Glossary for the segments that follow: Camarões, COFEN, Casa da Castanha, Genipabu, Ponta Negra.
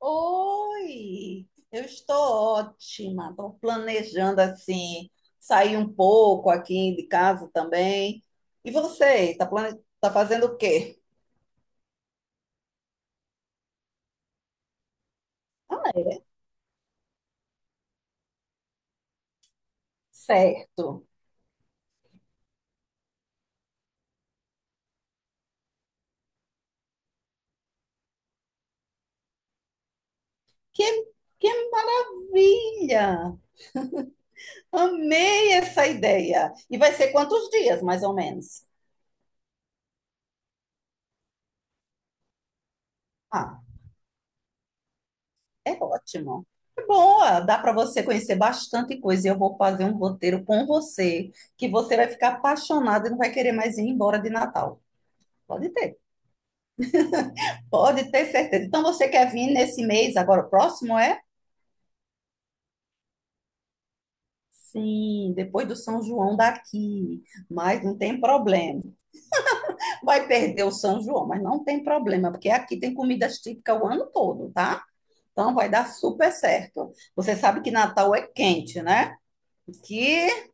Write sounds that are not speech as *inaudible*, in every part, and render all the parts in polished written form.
Oi, eu estou ótima. Estou planejando assim sair um pouco aqui de casa também. E você, tá fazendo o quê? Ah, é, certo. Que, que maravilha! Amei essa ideia. E vai ser quantos dias, mais ou menos? Ah, é ótimo. É boa, dá para você conhecer bastante coisa. E eu vou fazer um roteiro com você que você vai ficar apaixonado e não vai querer mais ir embora de Natal. Pode ter. Pode ter certeza. Então você quer vir nesse mês, agora o próximo é? Sim, depois do São João daqui. Mas não tem problema. Vai perder o São João, mas não tem problema, porque aqui tem comidas típicas o ano todo, tá? Então vai dar super certo. Você sabe que Natal é quente, né? Que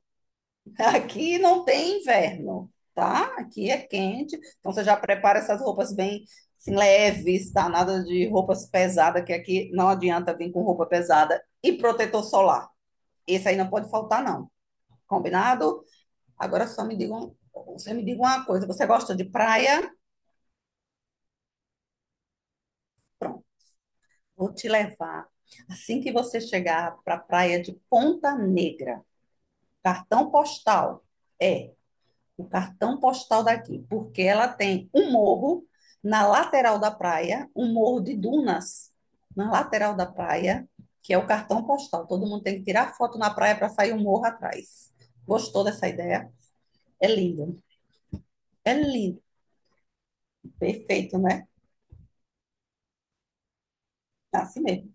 Aqui não tem inverno, tá? Aqui é quente, então você já prepara essas roupas bem assim, leves, tá? Nada de roupas pesadas, que aqui não adianta vir com roupa pesada. E protetor solar. Esse aí não pode faltar, não. Combinado? Agora você me diga uma coisa, você gosta de praia? Pronto, vou te levar. Assim que você chegar para a praia de Ponta Negra, cartão postal. É, o cartão postal daqui, porque ela tem um morro na lateral da praia, um morro de dunas na lateral da praia, que é o cartão postal. Todo mundo tem que tirar foto na praia para sair um morro atrás. Gostou dessa ideia? É lindo, é lindo, perfeito, né? É. Assim mesmo.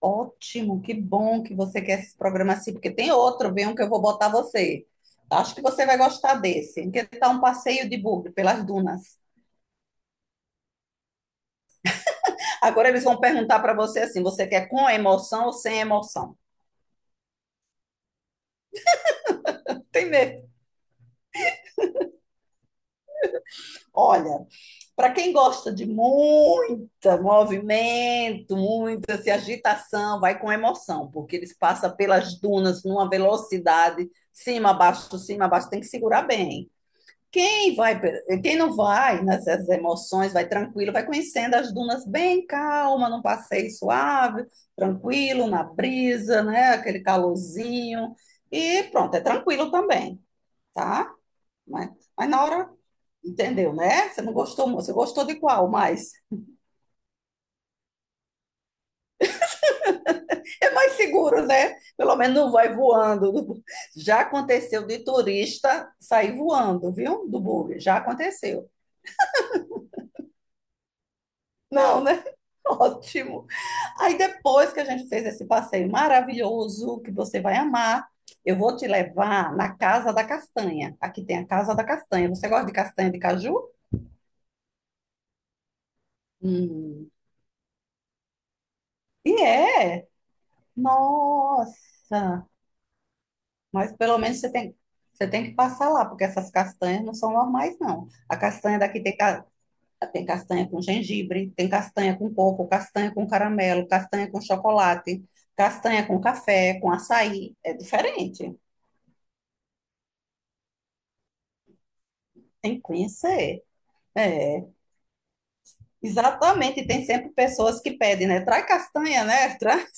Ótimo, que bom que você quer esse programa assim, porque tem outro, vem um que eu vou botar você. Acho que você vai gostar desse, que tá um passeio de buggy pelas dunas. Agora eles vão perguntar para você assim: você quer com emoção ou sem emoção? Tem medo. Olha, para quem gosta de muito movimento, muita assim, agitação, vai com emoção, porque eles passam pelas dunas numa velocidade, cima, abaixo, tem que segurar bem. Quem vai, quem não vai nessas emoções, vai tranquilo, vai conhecendo as dunas bem calma, num passeio suave, tranquilo, na brisa, né? Aquele calorzinho. E pronto, é tranquilo também, tá? Mas, mas na hora, entendeu, né? Você não gostou, muito, você gostou de qual? É mais seguro, né? Pelo menos não vai voando. Já aconteceu de turista sair voando, viu? Do bug, já aconteceu. Não, né? *laughs* Ótimo. Aí depois que a gente fez esse passeio maravilhoso, que você vai amar, eu vou te levar na Casa da Castanha. Aqui tem a Casa da Castanha. Você gosta de castanha de caju? Hum. E é! Nossa! Mas pelo menos você tem que passar lá, porque essas castanhas não são normais, não. A castanha daqui tem, tem castanha com gengibre, tem castanha com coco, castanha com caramelo, castanha com chocolate, castanha com café, com açaí. É diferente. Tem que conhecer. É, exatamente. Tem sempre pessoas que pedem, né? Traz castanha, né? Traz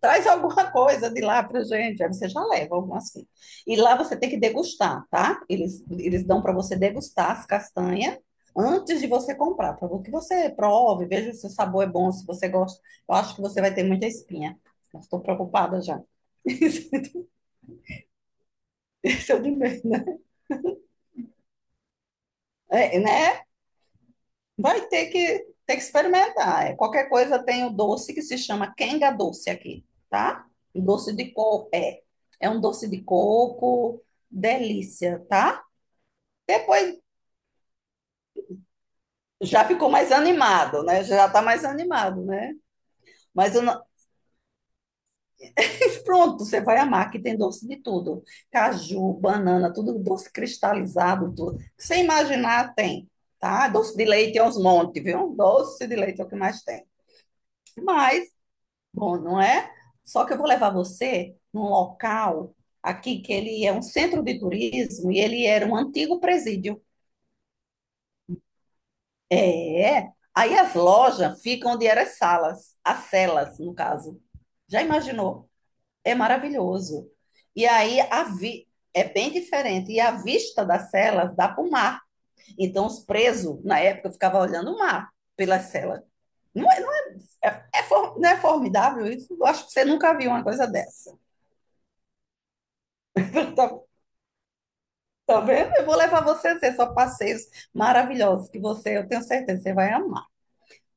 Traz alguma coisa de lá pra gente. Aí você já leva alguma assim. E lá você tem que degustar, tá? Eles dão para você degustar as castanhas antes de você comprar, para que você prove, veja se o sabor é bom, se você gosta. Eu acho que você vai ter muita espinha. Eu estou preocupada já. *laughs* Isso é o de medo, né? É, né? Vai ter que, experimentar. É, qualquer coisa tem o doce que se chama quenga doce aqui, tá? Doce de coco, é. É um doce de coco, delícia, tá? Depois já ficou mais animado, né? Já tá mais animado, né? Mas eu não... *laughs* pronto, você vai amar que tem doce de tudo. Caju, banana, tudo doce cristalizado, tudo. Sem imaginar tem, tá? Doce de leite é uns montes, viu? Doce de leite é o que mais tem. Mas bom, não é? Só que eu vou levar você num local aqui que ele é um centro de turismo e ele era um antigo presídio. É. Aí as lojas ficam onde eram as salas, as celas, no caso. Já imaginou? É maravilhoso. E aí é bem diferente. E a vista das celas dá para o mar. Então os presos, na época, ficavam olhando o mar pelas celas. Não é, não é formidável isso? Eu acho que você nunca viu uma coisa dessa. *laughs* Tá vendo? Eu vou levar você a ver só passeios maravilhosos que você, eu tenho certeza, você vai amar.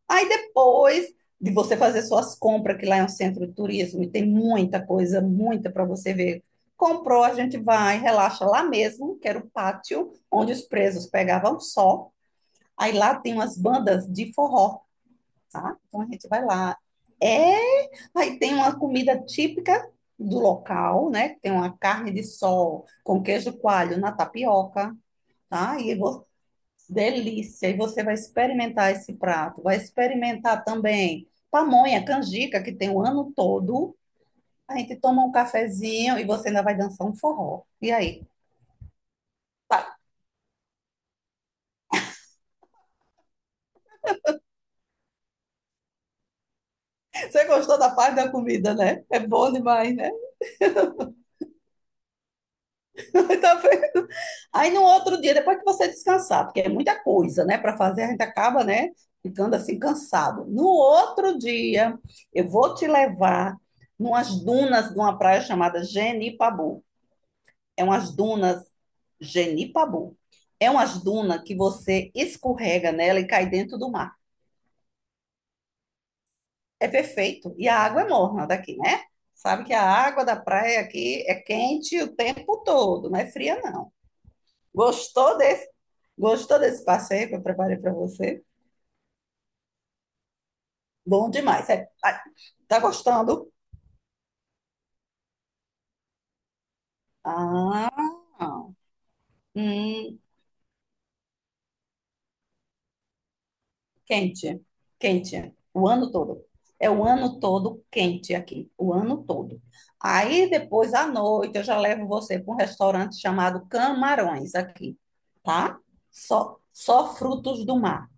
Aí depois de você fazer suas compras, que lá é um centro de turismo e tem muita coisa, muita para você ver. Comprou, a gente vai, relaxa lá mesmo, que era o pátio onde os presos pegavam sol. Aí lá tem umas bandas de forró, tá? Então a gente vai lá. É, aí tem uma comida típica do local, né? Tem uma carne de sol com queijo coalho na tapioca. Tá? Delícia! E você vai experimentar esse prato, vai experimentar também pamonha, canjica, que tem o ano todo. A gente toma um cafezinho e você ainda vai dançar um forró. E aí? Tá. Você gostou da parte da comida, né? É bom demais, né? *laughs* Tá vendo? Aí no outro dia, depois que você descansar, porque é muita coisa, né, para fazer, a gente acaba, né, ficando assim cansado. No outro dia, eu vou te levar numas dunas de uma praia chamada Genipabu. É umas dunas Genipabu. É umas dunas que você escorrega nela e cai dentro do mar. É perfeito. E a água é morna daqui, né? Sabe que a água da praia aqui é quente o tempo todo, não é fria, não. Gostou desse, gostou desse passeio que eu preparei para você? Bom demais. É, ah, tá gostando? Ah, hum, quente, quente, o ano todo. É o ano todo quente aqui, o ano todo. Aí depois à noite eu já levo você para um restaurante chamado Camarões aqui, tá? Só frutos do mar.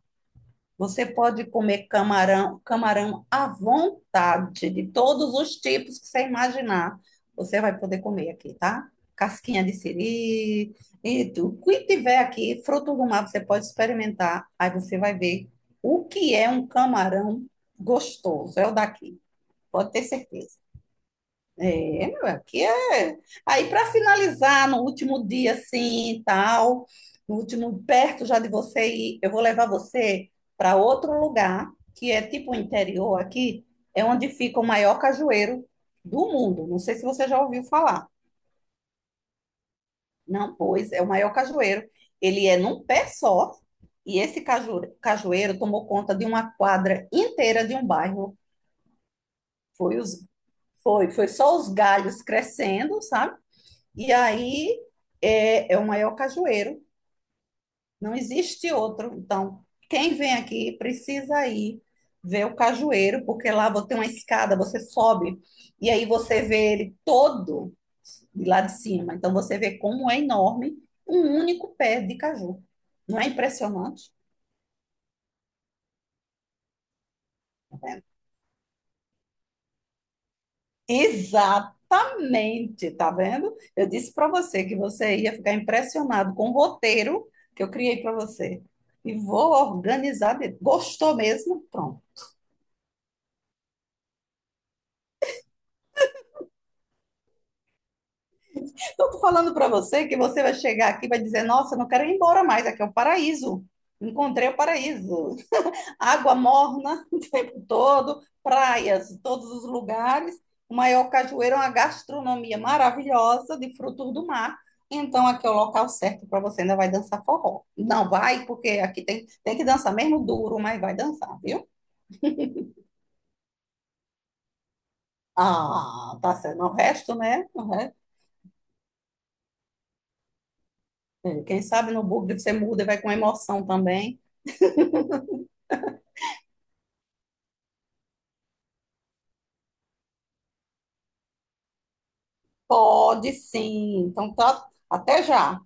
Você pode comer camarão, camarão à vontade, de todos os tipos que você imaginar. Você vai poder comer aqui, tá? Casquinha de siri, o que tiver aqui, fruto do mar, você pode experimentar. Aí você vai ver o que é um camarão gostoso. É o daqui, pode ter certeza. É, meu, aqui é. Aí, para finalizar, no último dia, assim, e tal, no último, perto já de você ir, eu vou levar você para outro lugar, que é tipo o interior aqui, é onde fica o maior cajueiro do mundo. Não sei se você já ouviu falar. Não, pois, é o maior cajueiro. Ele é num pé só, e esse cajueiro tomou conta de uma quadra inteira de um bairro. Foi os, foi só os galhos crescendo, sabe? E aí é o maior cajueiro, não existe outro. Então, quem vem aqui precisa ir ver o cajueiro, porque lá você tem uma escada, você sobe e aí você vê ele todo de lá de cima. Então, você vê como é enorme um único pé de caju. Não é impressionante? É. Exatamente, tá vendo? Eu disse para você que você ia ficar impressionado com o roteiro que eu criei para você. E vou organizar. Gostou mesmo? Pronto. Então, eu tô falando para você que você vai chegar aqui e vai dizer: Nossa, eu não quero ir embora mais, aqui é o paraíso. Encontrei o paraíso. Água morna *laughs* o tempo todo, praias em todos os lugares. O maior cajueiro é uma gastronomia maravilhosa de frutos do mar. Então, aqui é o local certo para você. Ainda vai dançar forró. Não vai, porque aqui tem, tem que dançar mesmo duro, mas vai dançar, viu? Ah, tá certo. O resto, né? O resto, é, quem sabe no bug você muda e vai com emoção também. Pode sim. Então, tá. Até já.